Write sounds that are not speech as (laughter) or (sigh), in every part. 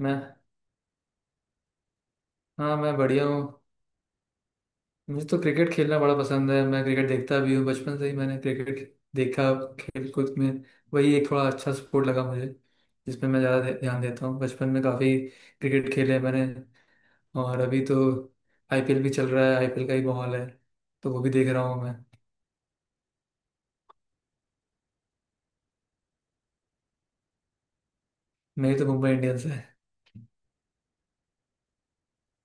मैं हाँ मैं बढ़िया हूँ। मुझे तो क्रिकेट खेलना बड़ा पसंद है। मैं क्रिकेट देखता भी हूँ बचपन से ही मैंने क्रिकेट देखा खेल कूद में। वही एक थोड़ा अच्छा स्पोर्ट लगा मुझे, जिसमें मैं ज़्यादा ध्यान देता हूँ। बचपन में काफ़ी क्रिकेट खेले मैंने। और अभी तो आईपीएल भी चल रहा है, आईपीएल का ही माहौल है, तो वो भी देख रहा हूँ मैं। मेरी तो मुंबई इंडियंस है (laughs)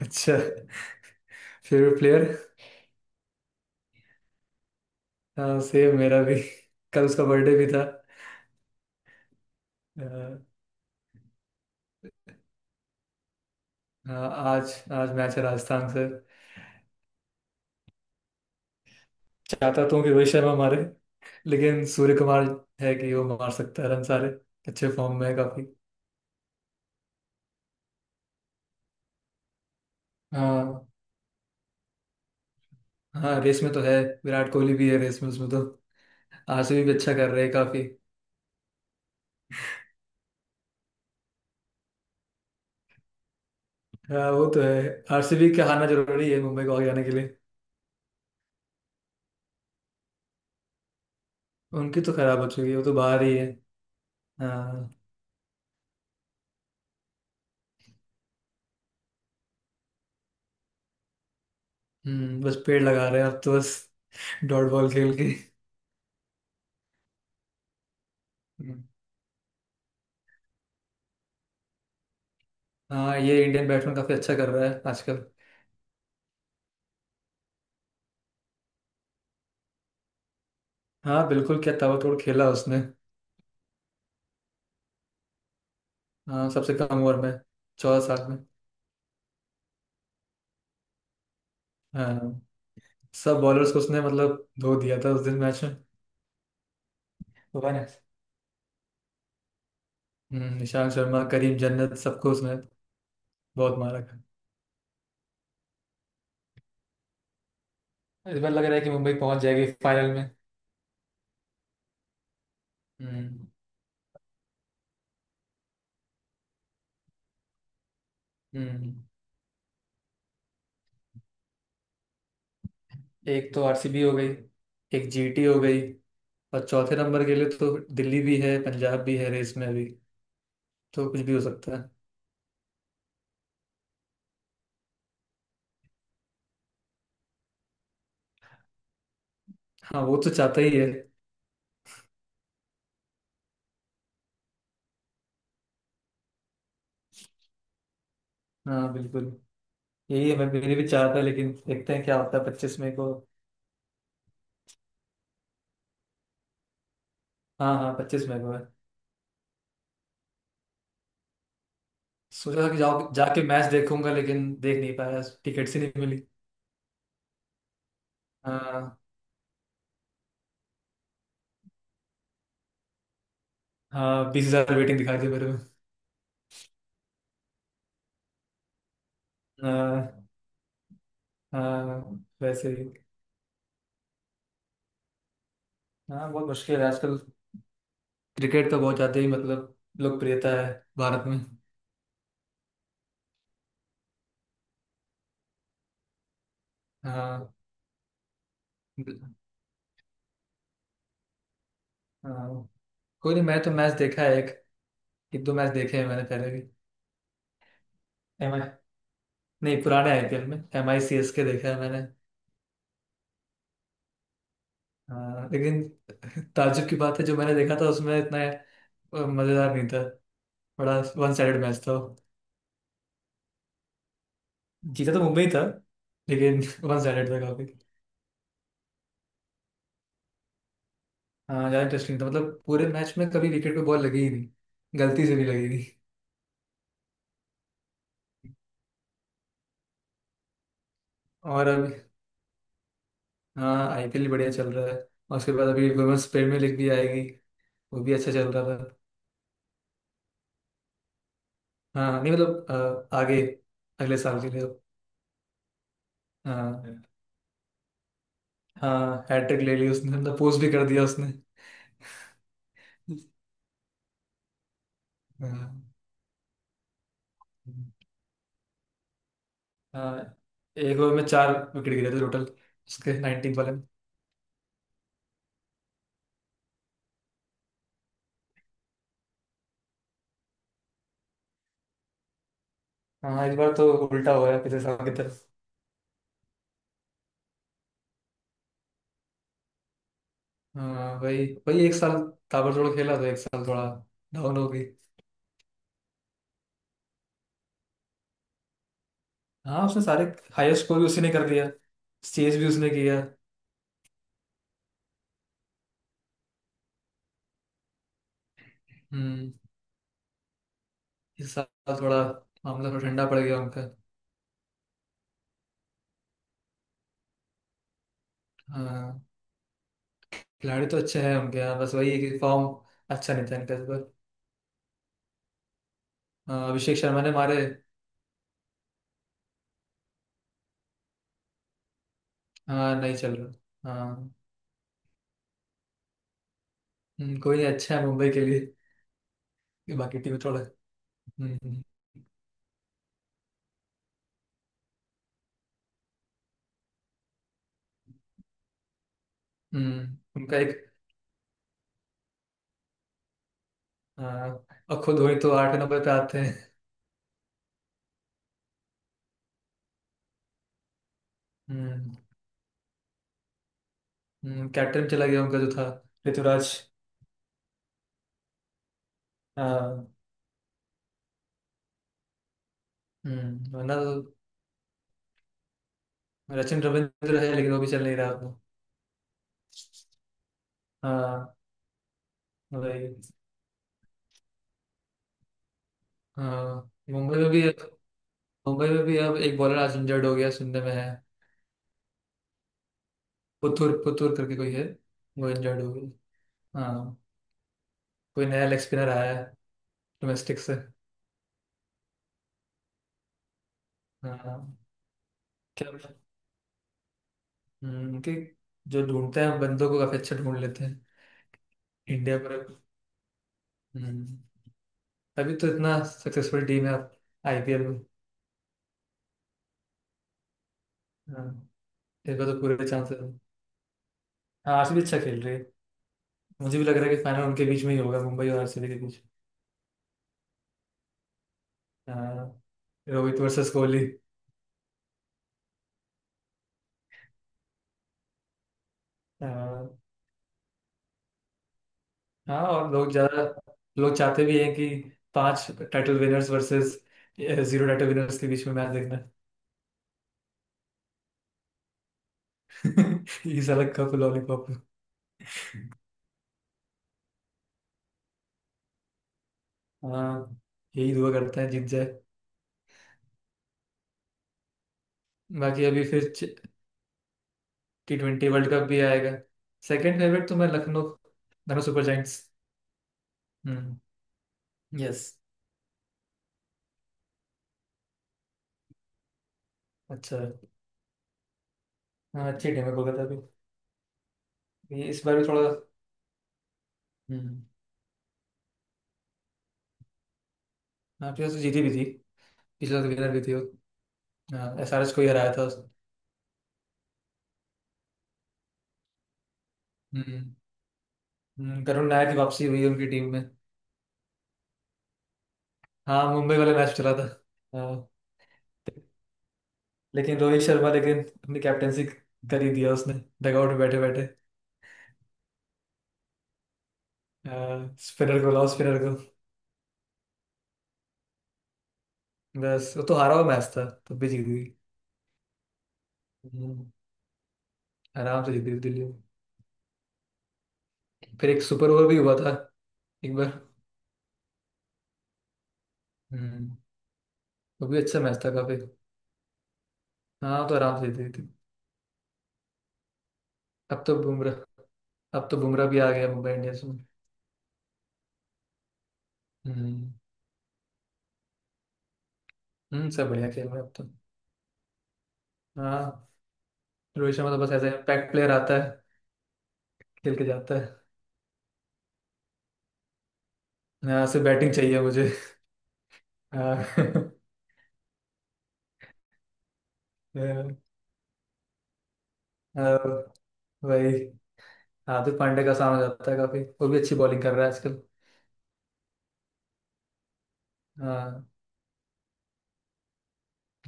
अच्छा। Favourite player. हाँ सेम मेरा भी। कल उसका बर्थडे भी था। अ, हाँ आज आज मैच है राजस्थान से। चाहता तो हूँ कि रोहित शर्मा मारे, लेकिन सूर्य कुमार है कि वो मार सकता है रन सारे। अच्छे फॉर्म में है काफी। हाँ। हाँ रेस में तो है, विराट कोहली भी है रेस में उसमें तो। आरसीबी भी अच्छा कर रहे हैं काफी। हाँ वो तो है। आरसीबी के हारना जरूरी है मुंबई को आगे आने के लिए। उनकी तो खराब हो चुकी है, वो तो बाहर ही है। हाँ। हम्म, बस पेड़ लगा रहे हैं अब तो, बस डॉट बॉल खेल के। हम्म, हाँ ये इंडियन बैट्समैन काफी अच्छा कर रहा है आजकल। हाँ बिल्कुल, क्या ताबड़तोड़ खेला उसने। हाँ सबसे कम ओवर में, 14 साल में। हाँ सब बॉलर्स को उसने मतलब धो दिया था उस दिन मैच में। वन निशांत शर्मा, करीम जन्नत, सबको उसने बहुत मारा था। इस बार लग रहा है कि मुंबई पहुंच जाएगी फाइनल में। हम्म। हम्म। एक तो आरसीबी हो गई, एक जीटी हो गई, और चौथे नंबर के लिए तो दिल्ली भी है, पंजाब भी है रेस में अभी, तो कुछ भी हो सकता है। हाँ वो तो चाहता ही है। हाँ बिल्कुल, यही है मैं मेरे भी चाहता है, लेकिन देखते हैं क्या होता है 25 मई को। हाँ हाँ, 25 मई को है। सोचा था कि जाओ जाके मैच देखूंगा, लेकिन देख नहीं पाया, टिकट्स ही नहीं मिली। हाँ। हाँ 20 हजार वेटिंग दिखा दी मेरे को। हाँ। हाँ वैसे ही। हाँ बहुत मुश्किल है आजकल। क्रिकेट तो बहुत ज़्यादा ही मतलब लोकप्रियता है भारत में। हाँ। बिल- हाँ कोई नहीं, मैं तो मैच देखा है एक, एक दो मैच देखे हैं मैंने पहले भी। एम आई नहीं, पुराने आईपीएल में M I C S K देखा है मैंने। हाँ लेकिन (laughs) ताज्जुब की बात है, जो मैंने देखा था उसमें इतना मज़ेदार नहीं था। बड़ा वन साइडेड मैच था वो। जीता तो मुंबई था, लेकिन (laughs) वन साइडेड था। हाँ ज्यादा इंटरेस्टिंग था, मतलब पूरे मैच में कभी विकेट पे बॉल लगी ही नहीं, गलती से भी लगी नहीं। और अभी, हाँ आईपीएल भी बढ़िया चल रहा है। और उसके बाद अभी वुमेन्स प्रीमियर लीग भी आएगी, वो भी अच्छा चल रहा था। हाँ नहीं मतलब आगे, अगले साल के लिए। हाँ। हाँ हैट्रिक ले ली उसने, मतलब पोस्ट भी कर दिया उसने। हाँ। हाँ, एक ओवर में चार विकेट गिरे थे टोटल, उसके 19 बॉल में। हाँ इस बार तो उल्टा हुआ है पिछले साल की तरफ। हाँ वही वही एक साल ताबड़तोड़ खेला, तो एक साल थोड़ा डाउन हो गई। हाँ उसने सारे हाईएस्ट स्कोर भी उसी ने कर दिया, चेस भी उसने किया। हम्म, इस साल थोड़ा, मामला थोड़ा ठंडा पड़ गया उनका। हाँ खिलाड़ी तो अच्छे हैं उनके यहाँ, बस वही है कि फॉर्म अच्छा नहीं था इनका इस बार। हाँ, अभिषेक शर्मा ने मारे। हाँ नहीं चल रहा, हाँ। कोई नहीं, अच्छा है मुंबई के लिए। ये बाकी टीम थोड़ा। हम्म। उनका एक, हाँ और खुद हुई तो आठ नंबर पे आते हैं। हम्म। कैप्टन चला गया उनका जो था, ऋतुराज। हाँ। हम्म, वरना तो सचिन रविंद्र है लेकिन वो भी चल नहीं रहा था। हाँ वही। हाँ मुंबई में भी अब एक बॉलर आज इंजर्ड हो गया सुनने में है। पुथुर पुथुर करके कोई है, वो इंजर्ड हो गया। हाँ कोई नया लेग स्पिनर आया है डोमेस्टिक से। हाँ क्या। कि जो ढूंढते हैं बंदों को काफी अच्छा ढूंढ लेते हैं इंडिया पर। हम्म, तभी तो इतना सक्सेसफुल टीम है आईपीएल में। हाँ, इस बार तो पूरे चांसेस हैं। हाँ आरसीबी अच्छा खेल रही है, मुझे भी लग रहा है कि फाइनल उनके बीच में ही होगा, मुंबई और आरसीबी के बीच। अ, रोहित वर्सेस कोहली। अ, हाँ और लोग ज्यादा लोग चाहते भी हैं कि पांच title winners versus zero title winners के बीच में मैच देखना। (laughs) ये अलग कप लॉलीपॉप। हाँ यही दुआ करता है जीत जाए। बाकी अभी फिर T20 वर्ल्ड कप भी आएगा। सेकंड फेवरेट तो मैं लखनऊ, लखनऊ सुपर जायंट्स। हम्म, यस। अच्छा। हाँ अच्छी टीम है कोलकाता भी। ये इस बार भी थोड़ा। हम्म। हाँ प्लेयर्स तो जीती भी थी, पिछला तो विनर भी थी वो, एस आर एच को ही हराया था उसने। हम्म। करुण नायर की वापसी हुई उनकी टीम में। हाँ मुंबई वाला मैच चला था। हाँ, लेकिन रोहित शर्मा लेकिन अपनी कैप्टेंसी कर ही दिया उसने, डगआउट में बैठे बैठे। स्पिनर को। बस वो तो हारा हुआ मैच था, तब भी जीत गई। हम्म, आराम से जीत गई दिल्ली। फिर एक सुपर ओवर भी हुआ था एक बार। हम्म। वो भी अच्छा मैच था काफी। हाँ वो तो आराम से जीत गई थी। अब तो बुमराह अब तो बुमराह भी आ गया मुंबई इंडियंस में। हम्म। हम्म, सब बढ़िया खेल रहे हैं अब तो। हाँ। रोहित शर्मा तो बस ऐसे इम्पैक्ट प्लेयर आता है, खेल के जाता है। यहाँ से बैटिंग चाहिए मुझे। हाँ (laughs) हाँ, वही हार्दिक पांड्या का सामना जाता है काफी, वो भी अच्छी बॉलिंग कर रहा है आजकल। हाँ।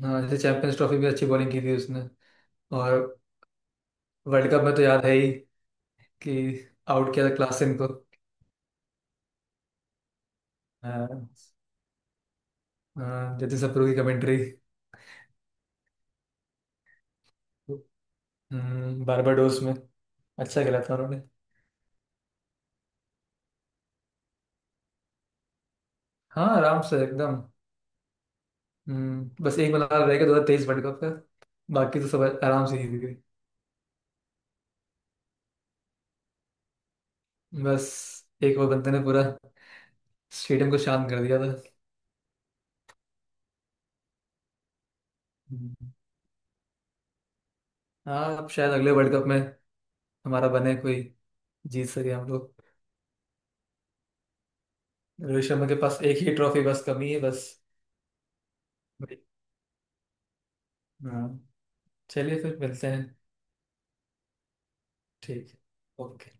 हाँ जैसे चैंपियंस ट्रॉफी भी अच्छी बॉलिंग की थी उसने। और वर्ल्ड कप में तो याद है ही कि आउट किया था क्लासन को। हाँ। हाँ, जतिन सप्रू की कमेंट्री। बारबाडोस में अच्छा खेला था उन्होंने। हाँ आराम से एकदम। हम्म, बस एक मलाल रह गया 2023 वर्ल्ड कप का। बाकी तो सब आराम से जीत गए। बस एक और बंदे ने पूरा स्टेडियम को शांत कर दिया था। हम्म। हाँ अब शायद अगले वर्ल्ड कप में हमारा बने कोई, जीत सके हम लोग। रोहित शर्मा के पास एक ही ट्रॉफी बस कमी है बस। हाँ। चलिए फिर मिलते हैं। ठीक। ओके।